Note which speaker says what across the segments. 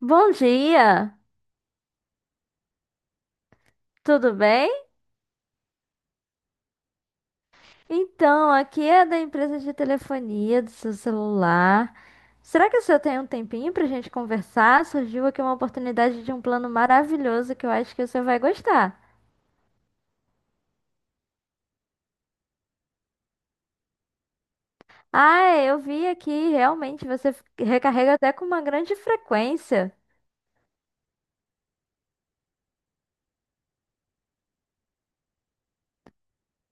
Speaker 1: Bom dia, tudo bem? Então, aqui é da empresa de telefonia do seu celular. Será que o senhor tem um tempinho para a gente conversar? Surgiu aqui uma oportunidade de um plano maravilhoso que eu acho que o senhor vai gostar. Ah, é, eu vi aqui, realmente você recarrega até com uma grande frequência.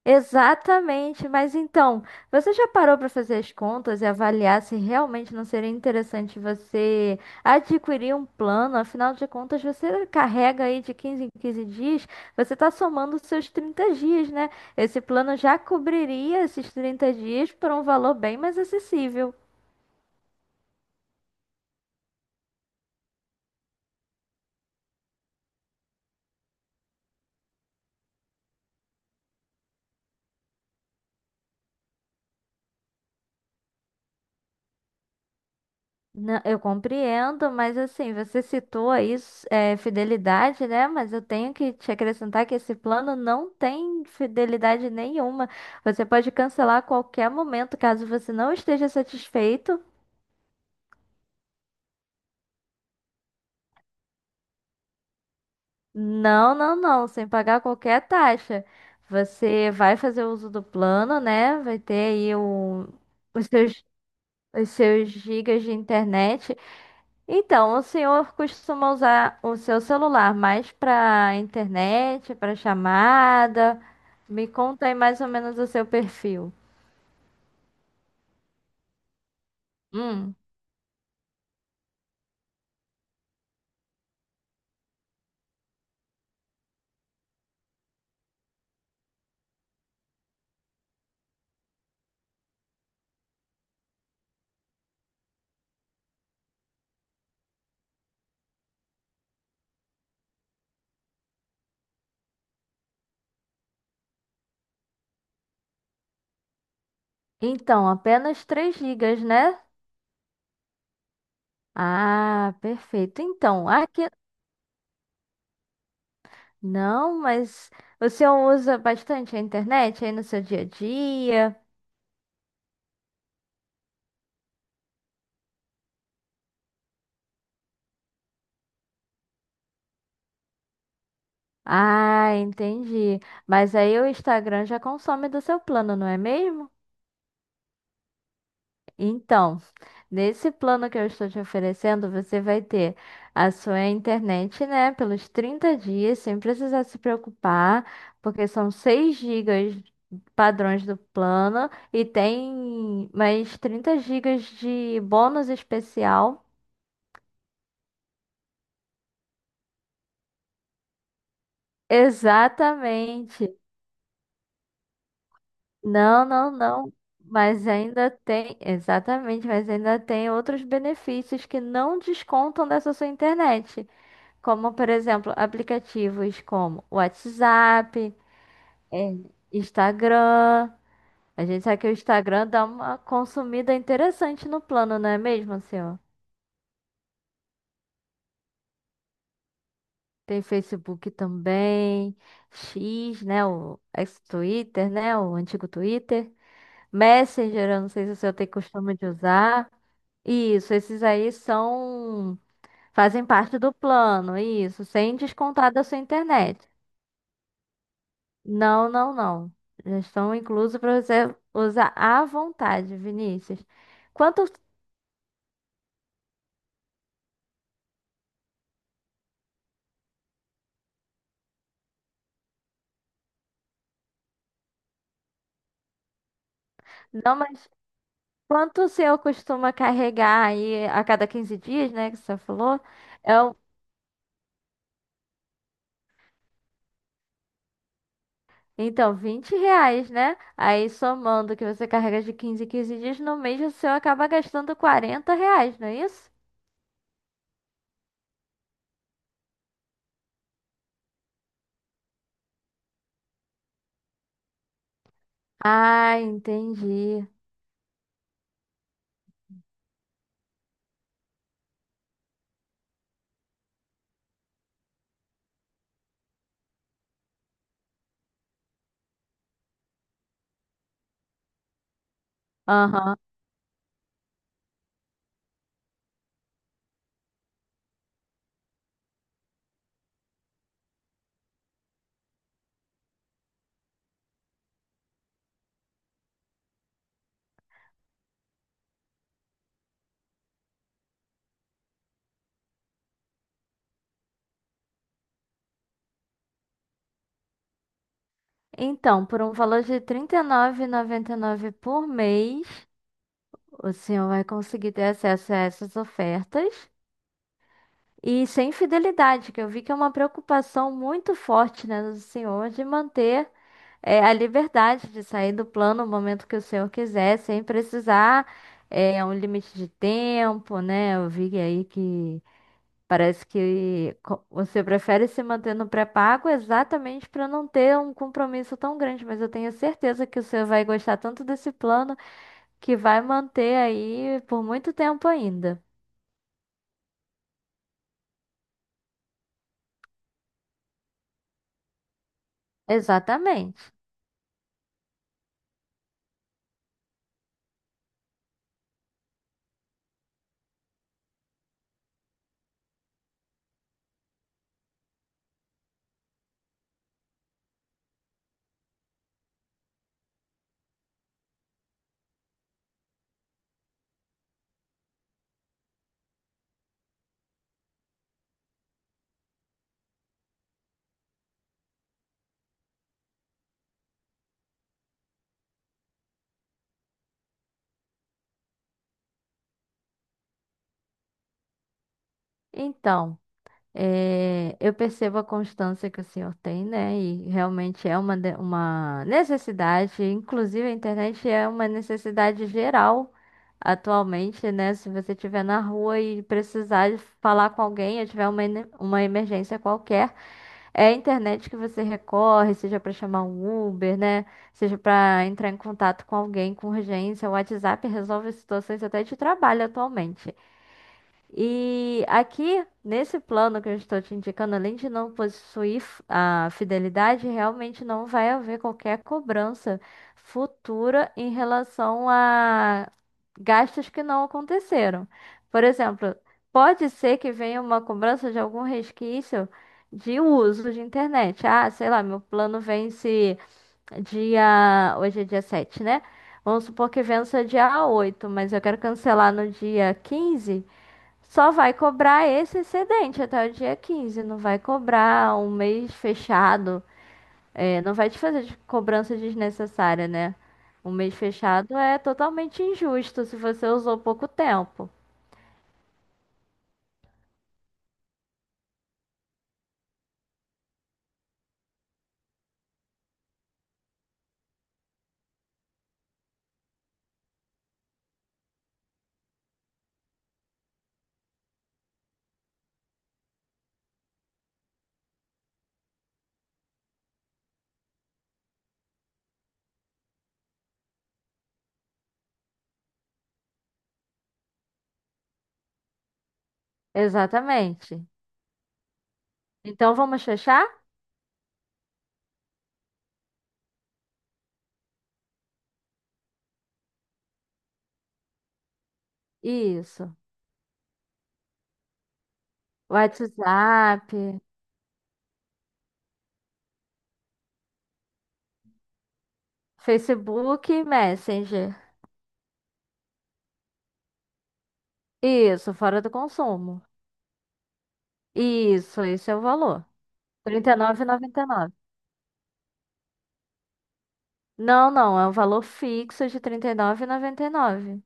Speaker 1: Exatamente, mas então, você já parou para fazer as contas e avaliar se realmente não seria interessante você adquirir um plano? Afinal de contas, você carrega aí de 15 em 15 dias, você está somando os seus 30 dias, né? Esse plano já cobriria esses 30 dias por um valor bem mais acessível. Não, eu compreendo, mas assim, você citou aí fidelidade, né? Mas eu tenho que te acrescentar que esse plano não tem fidelidade nenhuma. Você pode cancelar a qualquer momento, caso você não esteja satisfeito. Não, não, não, sem pagar qualquer taxa. Você vai fazer uso do plano, né? Vai ter aí os seus, os seus gigas de internet. Então, o senhor costuma usar o seu celular mais para internet, para chamada? Me conta aí mais ou menos o seu perfil. Hum. Então, apenas 3 gigas, né? Ah, perfeito. Então, aqui. Não, mas o senhor usa bastante a internet aí no seu dia a dia? Ah, entendi. Mas aí o Instagram já consome do seu plano, não é mesmo? Então, nesse plano que eu estou te oferecendo, você vai ter a sua internet, né, pelos 30 dias, sem precisar se preocupar, porque são 6 gigas padrões do plano e tem mais 30 gigas de bônus especial. Exatamente. Não, não, não. Mas ainda tem, exatamente, mas ainda tem outros benefícios que não descontam dessa sua internet. Como, por exemplo, aplicativos como WhatsApp, é, Instagram. A gente sabe que o Instagram dá uma consumida interessante no plano, não é mesmo, senhor? Tem Facebook também, X, né? O ex-Twitter, né? O antigo Twitter. Messenger, eu não sei se o senhor tem costume de usar. Isso, esses aí são... Fazem parte do plano, isso, sem descontar da sua internet. Não, não, não. Já estão inclusos para você usar à vontade, Vinícius. Quanto, não, mas quanto o senhor costuma carregar aí a cada 15 dias, né, que você falou? É o, então, R$ 20, né? Aí somando o que você carrega de 15 em 15 dias, no mês o senhor acaba gastando R$ 40, não é isso? Ah, entendi. Aham. Então, por um valor de R$ 39,99 por mês, o senhor vai conseguir ter acesso a essas ofertas e sem fidelidade, que eu vi que é uma preocupação muito forte, né, do senhor de manter a liberdade de sair do plano no momento que o senhor quiser, sem precisar um limite de tempo, né? Eu vi aí que parece que você prefere se manter no pré-pago exatamente para não ter um compromisso tão grande, mas eu tenho certeza que o senhor vai gostar tanto desse plano que vai manter aí por muito tempo ainda. Exatamente. Então, eu percebo a constância que o senhor tem, né? E realmente é uma necessidade, inclusive a internet é uma necessidade geral atualmente, né? Se você estiver na rua e precisar de falar com alguém, ou tiver uma emergência qualquer, é a internet que você recorre, seja para chamar um Uber, né? Seja para entrar em contato com alguém com urgência. O WhatsApp resolve situações até de trabalho atualmente. E aqui, nesse plano que eu estou te indicando, além de não possuir a fidelidade, realmente não vai haver qualquer cobrança futura em relação a gastos que não aconteceram. Por exemplo, pode ser que venha uma cobrança de algum resquício de uso de internet. Ah, sei lá, meu plano vence dia. Hoje é dia 7, né? Vamos supor que vença dia 8, mas eu quero cancelar no dia 15. Só vai cobrar esse excedente até o dia 15, não vai cobrar um mês fechado. É, não vai te fazer cobrança desnecessária, né? Um mês fechado é totalmente injusto se você usou pouco tempo. Exatamente. Então vamos fechar? Isso. WhatsApp, Facebook, e Messenger. Isso, fora do consumo. Isso, esse é o valor. 39,99. Não, não, é um valor fixo de 39,99.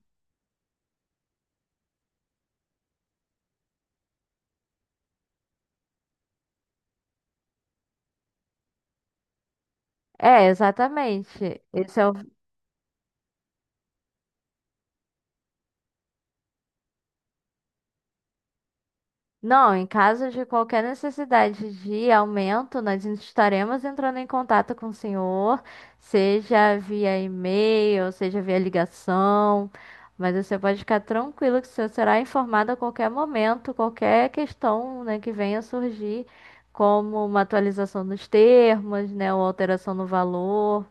Speaker 1: É, exatamente. Esse é o... Não, em caso de qualquer necessidade de aumento, nós estaremos entrando em contato com o senhor, seja via e-mail, seja via ligação. Mas você pode ficar tranquilo que o senhor será informado a qualquer momento, qualquer questão, né, que venha surgir, como uma atualização dos termos, né, ou alteração no valor.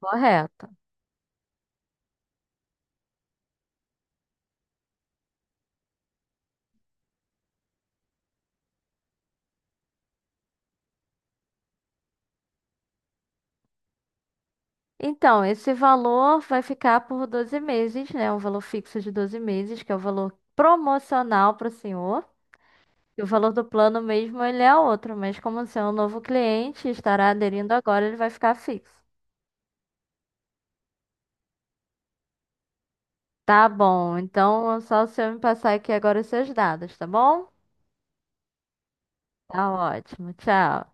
Speaker 1: Correto. Então, esse valor vai ficar por 12 meses, né? Um valor fixo de 12 meses, que é o valor promocional para o senhor. E o valor do plano mesmo, ele é outro, mas como o senhor é um novo cliente e estará aderindo agora, ele vai ficar fixo. Tá bom, então é só o senhor me passar aqui agora os seus dados, tá bom? Tá ótimo, tchau.